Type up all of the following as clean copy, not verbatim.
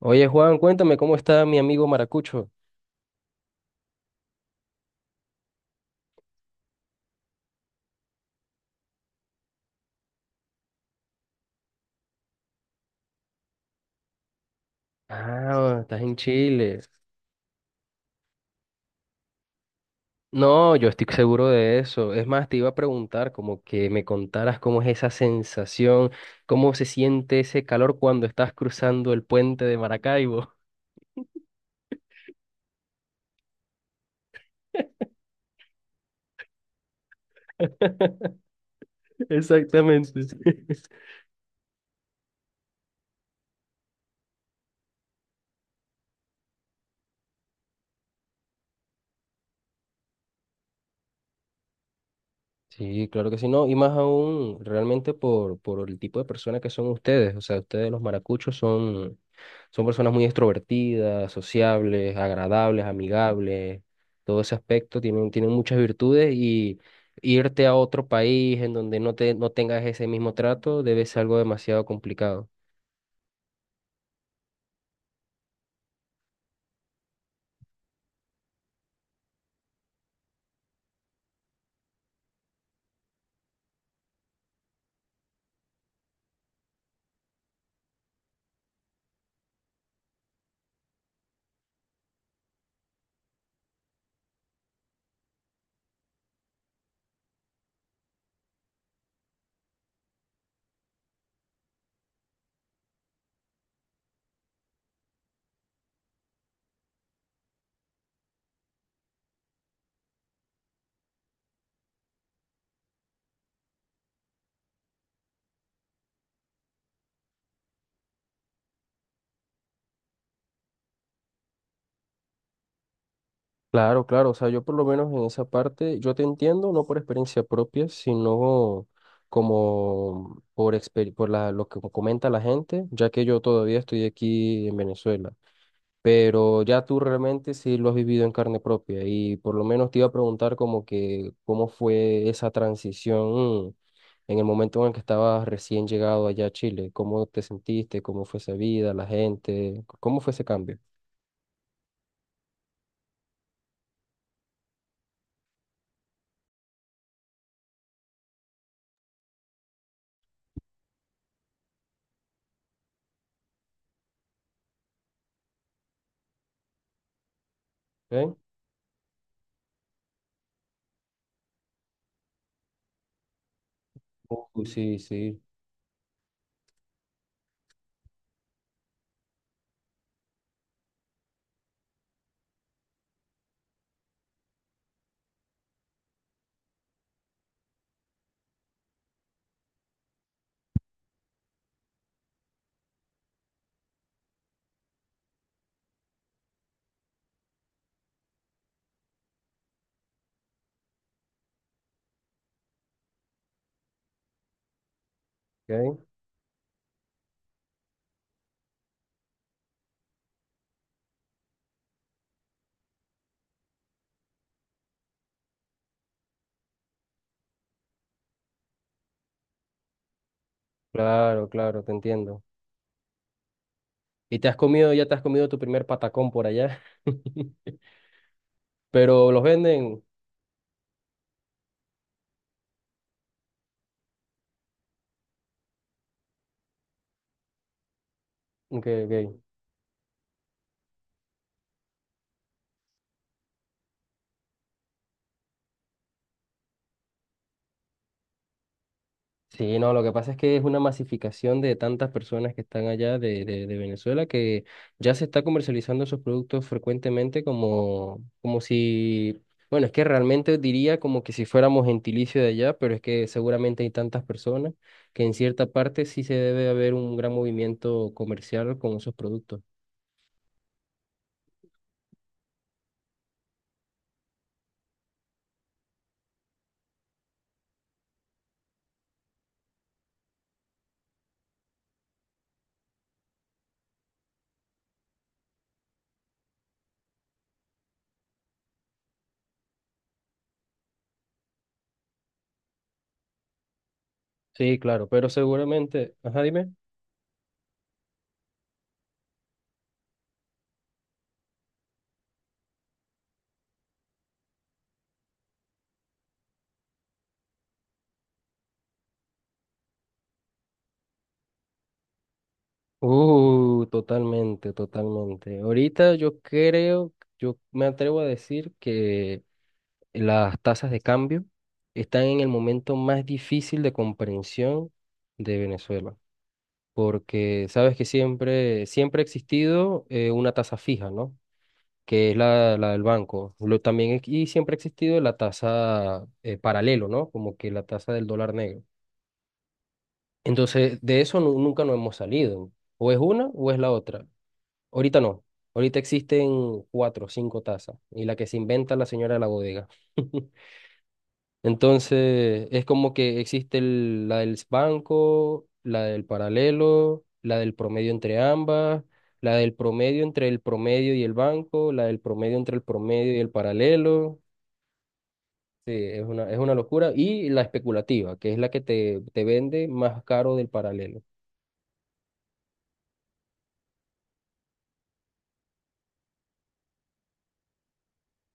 Oye, Juan, cuéntame cómo está mi amigo Maracucho. Ah, estás en Chile. No, yo estoy seguro de eso. Es más, te iba a preguntar como que me contaras cómo es esa sensación, cómo se siente ese calor cuando estás cruzando el puente de Maracaibo. Exactamente. Sí, claro que sí, no, y más aún realmente por el tipo de personas que son ustedes, o sea, ustedes los maracuchos son Son personas muy extrovertidas, sociables, agradables, amigables. Todo ese aspecto tienen, tienen muchas virtudes y irte a otro país en donde no te, no tengas ese mismo trato debe ser algo demasiado complicado. Claro, claro, o sea, yo por lo menos en esa parte, yo te entiendo, no por experiencia propia, sino como por lo que comenta la gente, ya que yo todavía estoy aquí en Venezuela. Pero ya tú realmente sí lo has vivido en carne propia y por lo menos te iba a preguntar como que cómo fue esa transición en el momento en el que estabas recién llegado allá a Chile, cómo te sentiste, cómo fue esa vida, la gente, cómo fue ese cambio. ¿Ok? Uy, sí, sí. ¿Ok? Claro, claro, te entiendo. ¿Y te has comido, ya te has comido tu primer patacón por allá? Pero los venden. Ok, ok. Sí, no, lo que pasa es que es una masificación de tantas personas que están allá de Venezuela que ya se está comercializando esos productos frecuentemente como, como si, bueno, es que realmente diría como que si fuéramos gentilicio de allá, pero es que seguramente hay tantas personas que en cierta parte sí se debe haber un gran movimiento comercial con esos productos. Sí, claro, pero seguramente, ajá, dime. Totalmente, totalmente. Ahorita yo creo, yo me atrevo a decir que... las tasas de cambio están en el momento más difícil de comprensión de Venezuela, porque sabes que siempre, siempre ha existido una tasa fija, ¿no? Que es la del banco. Lo, también, y siempre ha existido la tasa paralelo, ¿no? Como que la tasa del dólar negro. Entonces, de eso nunca nos hemos salido. O es una o es la otra. Ahorita no. Ahorita existen cuatro o cinco tasas y la que se inventa la señora de la bodega. Entonces, es como que existe la del banco, la del paralelo, la del promedio entre ambas, la del promedio entre el promedio y el banco, la del promedio entre el promedio y el paralelo. Sí, es una locura. Y la especulativa, que es la que te vende más caro del paralelo.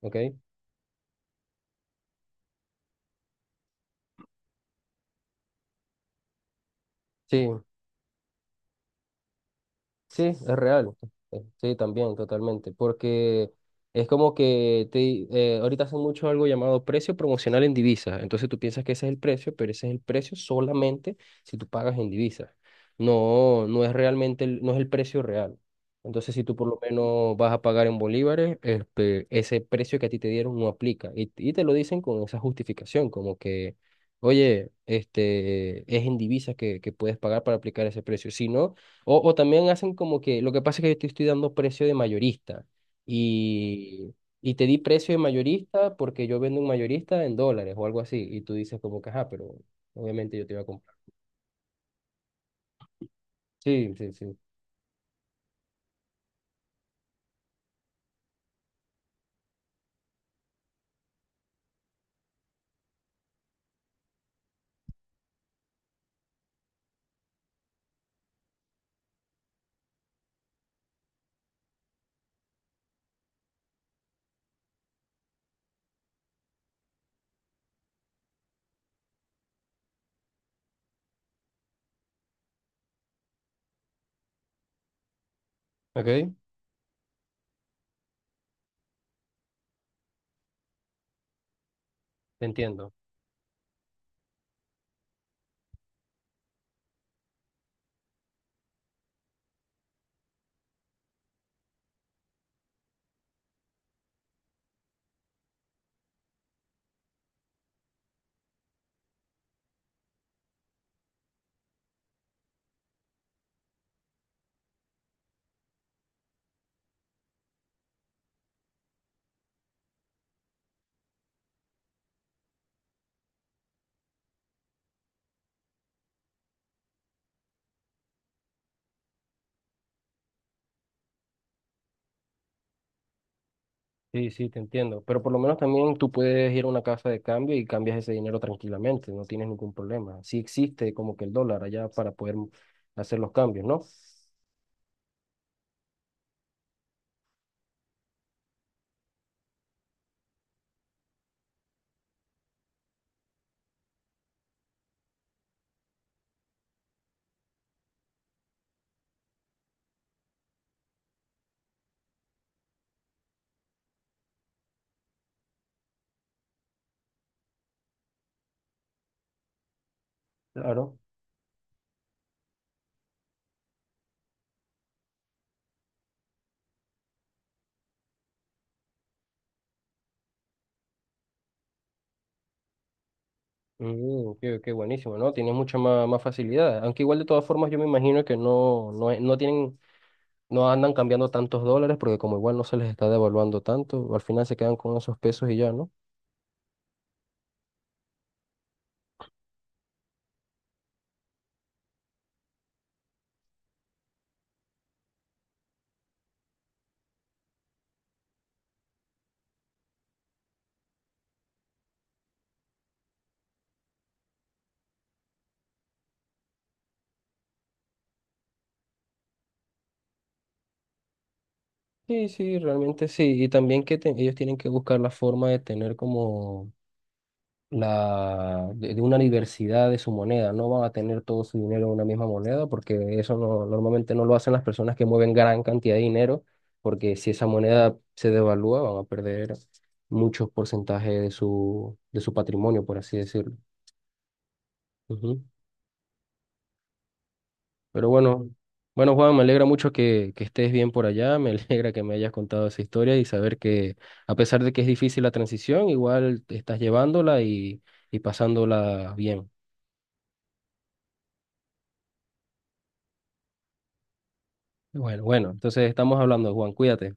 ¿Ok? Sí. Sí, es real. Sí, también, totalmente. Porque es como que ahorita hacen mucho algo llamado precio promocional en divisas. Entonces tú piensas que ese es el precio, pero ese es el precio solamente si tú pagas en divisas. No, no es realmente, no es el precio real. Entonces, si tú por lo menos vas a pagar en bolívares, este, ese precio que a ti te dieron no aplica. Y te lo dicen con esa justificación, como que, oye, este, es en divisas que puedes pagar para aplicar ese precio. Si no, o también hacen como que, lo que pasa es que yo te estoy dando precio de mayorista y, y te di precio de mayorista porque yo vendo un mayorista en dólares o algo así. Y tú dices como que, ajá, pero obviamente yo te iba a comprar. Sí, sí, sí. Ok, te entiendo. Sí, sí, te entiendo. Pero por lo menos también tú puedes ir a una casa de cambio y cambias ese dinero tranquilamente, no tienes ningún problema. Sí existe como que el dólar allá para poder hacer los cambios, ¿no? Claro. Mm, ok, ok, buenísimo, ¿no? Tiene mucha más, más facilidad. Aunque igual de todas formas yo me imagino que no, no, no tienen, no andan cambiando tantos dólares porque como igual no se les está devaluando tanto, al final se quedan con esos pesos y ya, ¿no? Sí, sí, realmente sí. Y también que ellos tienen que buscar la forma de tener como de una diversidad de su moneda. No van a tener todo su dinero en una misma moneda porque eso no, normalmente no lo hacen las personas que mueven gran cantidad de dinero porque si esa moneda se devalúa van a perder muchos porcentajes de de su patrimonio, por así decirlo. Ujú. Pero bueno, bueno Juan, me alegra mucho que estés bien por allá, me alegra que me hayas contado esa historia y saber que a pesar de que es difícil la transición, igual te estás llevándola y pasándola bien. Bueno, bueno, entonces estamos hablando, Juan, cuídate.